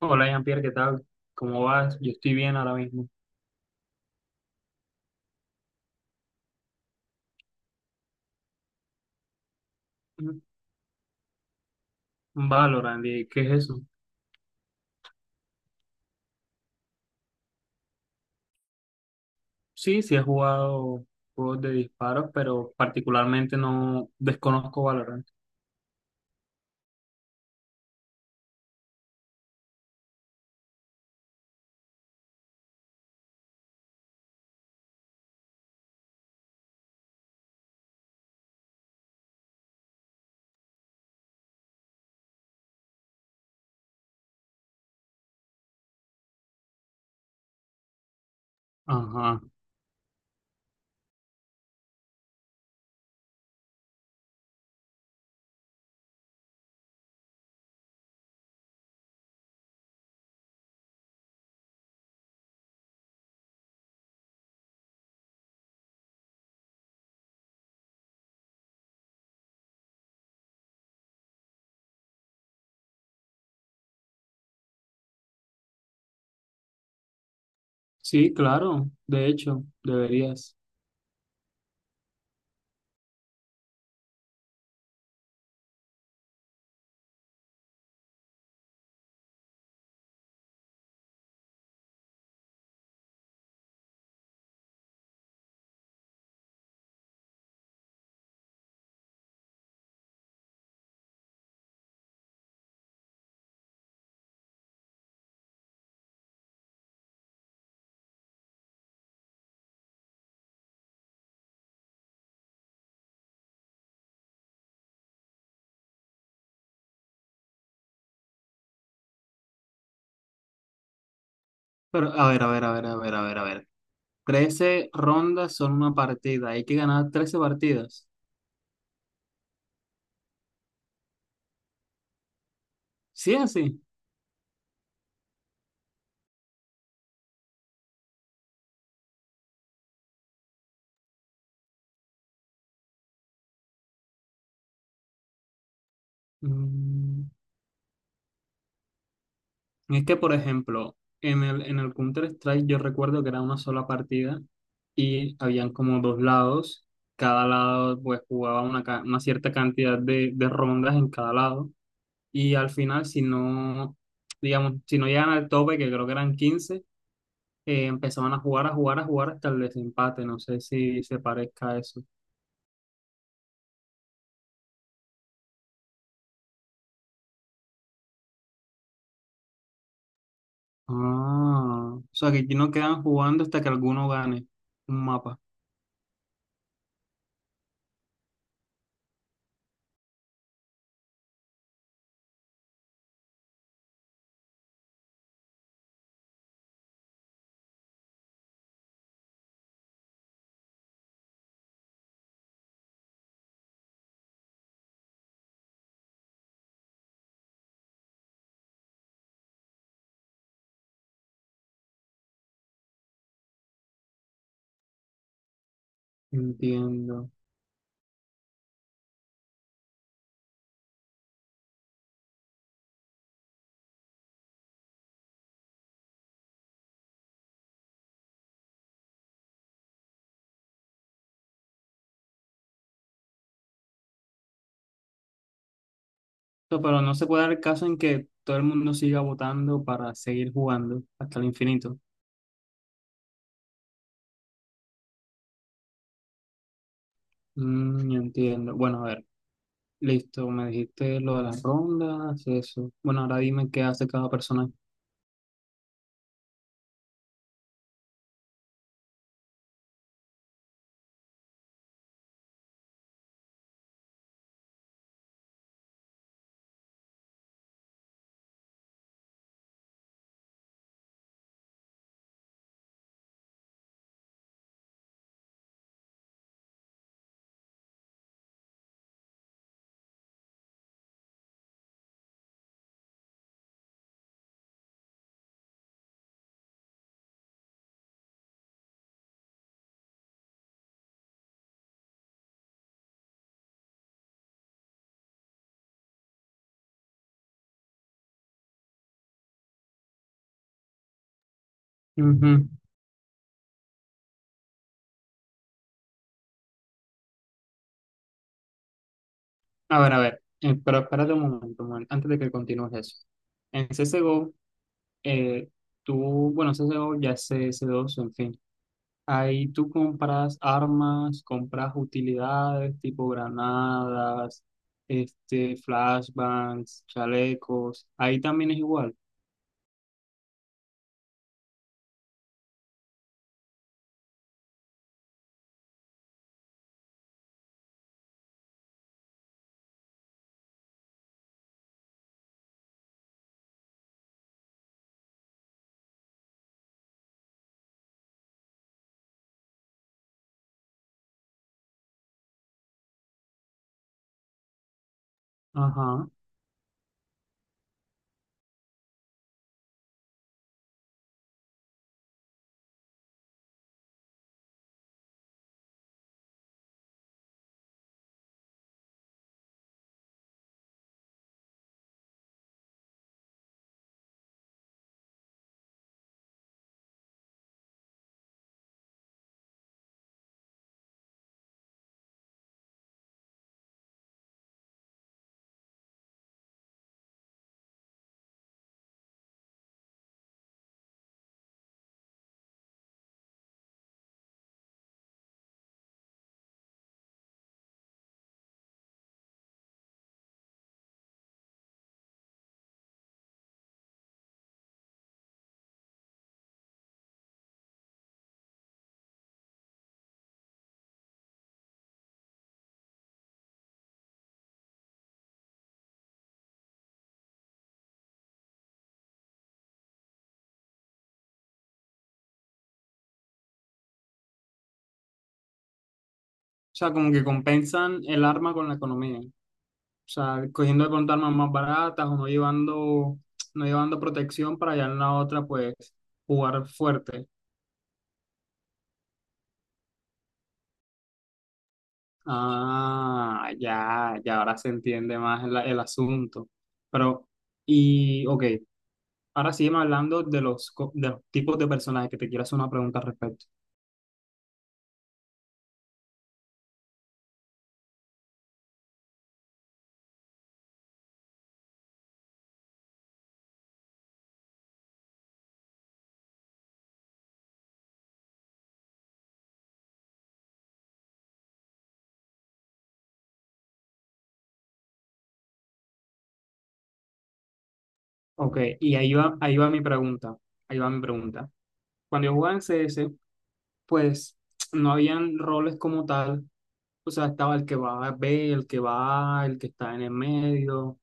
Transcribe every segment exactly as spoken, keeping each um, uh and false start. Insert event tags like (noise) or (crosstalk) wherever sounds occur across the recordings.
Hola Jean-Pierre, ¿qué tal? ¿Cómo vas? Yo estoy bien ahora mismo. Mm, Valorant, ¿y ¿qué es eso? Sí, sí he jugado juegos de disparos, pero particularmente no desconozco Valorant. Ajá. Sí, claro, de hecho, deberías. Pero a ver, a ver, a ver, a ver, a ver, a ver. Trece rondas son una partida, hay que ganar trece partidas. ¿Sí es así? Mm, Es que, por ejemplo, en el, en el Counter-Strike yo recuerdo que era una sola partida y habían como dos lados. Cada lado pues jugaba una, ca- una cierta cantidad de, de rondas en cada lado. Y al final, si no, digamos, si no llegan al tope, que creo que eran quince eh, empezaban a jugar, a jugar, a jugar hasta el desempate. No sé si se parezca a eso. Ah, o sea que aquí no quedan jugando hasta que alguno gane un mapa. Entiendo. No, pero no se puede dar el caso en que todo el mundo siga votando para seguir jugando hasta el infinito. Mm, yo entiendo. Bueno, a ver, listo, me dijiste lo de las rondas, eso. Bueno, ahora dime qué hace cada persona. Ujú. A ver, a ver, eh, pero espérate un momento, un momento, antes de que continúes eso. En C S G O, eh, tú, bueno, C S G O ya es C S dos, en fin. Ahí tú compras armas, compras utilidades tipo granadas, este, flashbangs, chalecos. Ahí también es igual. Ajá. O sea, como que compensan el arma con la economía. O sea, cogiendo de pronto armas más baratas o no llevando, no llevando protección para allá en la otra, pues jugar fuerte. Ah, ya, ya ahora se entiende más el, el asunto. Pero, y, ok. Ahora sígueme hablando de los, co- de los tipos de personajes que te quiero hacer una pregunta al respecto. Ok, y ahí va, ahí va mi pregunta. Ahí va mi pregunta. Cuando yo jugaba en C S, pues no habían roles como tal, o sea, estaba el que va a B, el que va A, el que está en el medio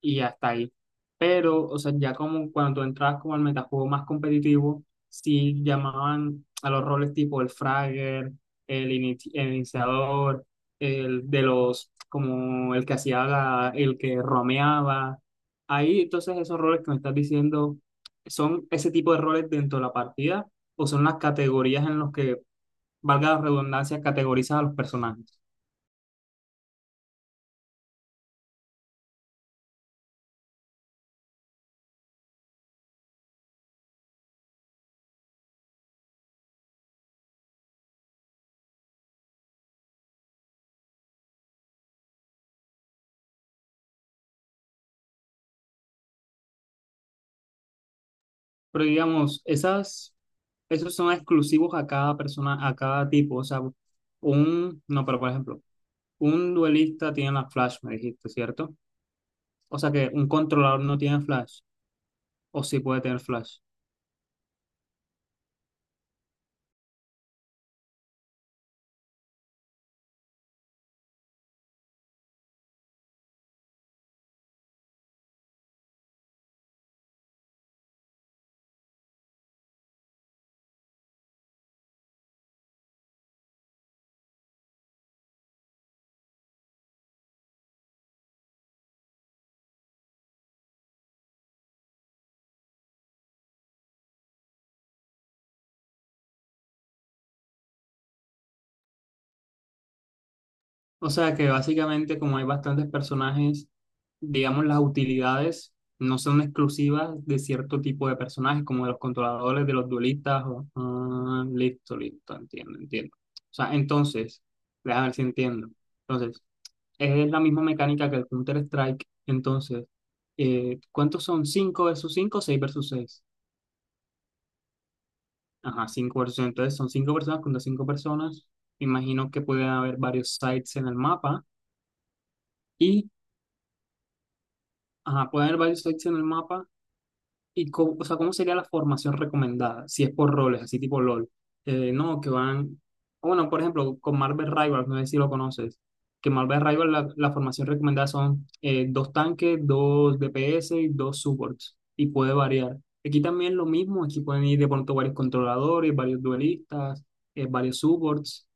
y hasta ahí. Pero, o sea, ya como cuando tú entrabas como al metajuego más competitivo, sí llamaban a los roles tipo el fragger, el, ini- el iniciador, el de los, como el que hacía la- el que romeaba. Ahí, entonces, esos roles que me estás diciendo, ¿son ese tipo de roles dentro de la partida o son las categorías en los que, valga la redundancia, categorizas a los personajes? Pero digamos, esas, esos son exclusivos a cada persona, a cada tipo. O sea, un, no, pero por ejemplo, un duelista tiene la flash, me dijiste, ¿cierto? O sea que un controlador no tiene flash, o sí puede tener flash. O sea que básicamente, como hay bastantes personajes, digamos, las utilidades no son exclusivas de cierto tipo de personajes, como de los controladores, de los duelistas. O, ah, listo, listo, entiendo, entiendo. O sea, entonces, déjame ver si entiendo. Entonces, es la misma mecánica que el Counter-Strike. Entonces, eh, ¿cuántos son? ¿Cinco versus cinco, seis versus seis? Ajá, cinco versus seis. Entonces, son cinco personas contra cinco personas. Imagino que pueden haber varios sites en el mapa. Y, ajá, pueden haber varios sites en el mapa. ¿Y cómo, o sea, cómo sería la formación recomendada? Si es por roles, así tipo LOL. Eh, no, que van. O bueno, por ejemplo, con Marvel Rivals, no sé si lo conoces. Que Marvel Rivals, la, la formación recomendada son eh, dos tanques, dos D P S y dos supports. Y puede variar. Aquí también lo mismo. Aquí pueden ir de pronto varios controladores, varios duelistas, eh, varios supports.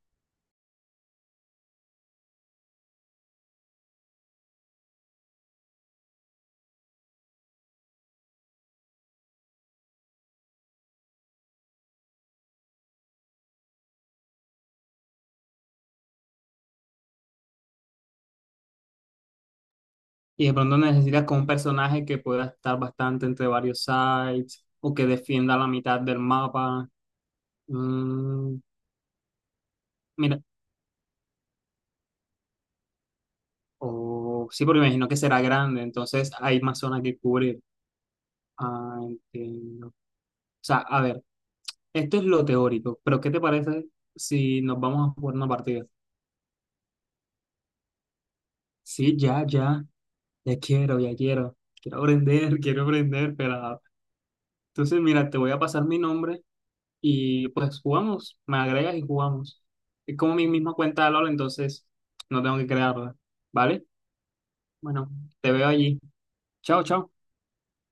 Y de pronto necesitas con un personaje que pueda estar bastante entre varios sides o que defienda la mitad del mapa. Mm, Mira, o, sí, porque me imagino que será grande, entonces hay más zona que cubrir. Ah, entiendo. O sea, a ver, esto es lo teórico, pero ¿qué te parece si nos vamos a jugar una partida? Sí, ya, ya, ya quiero, ya quiero. Quiero aprender, (laughs) quiero aprender, pero... Entonces, mira, te voy a pasar mi nombre y pues jugamos, me agregas y jugamos. Es como mi misma cuenta de LOL, entonces no tengo que crearla, ¿vale? Bueno, te veo allí. Chao, chao.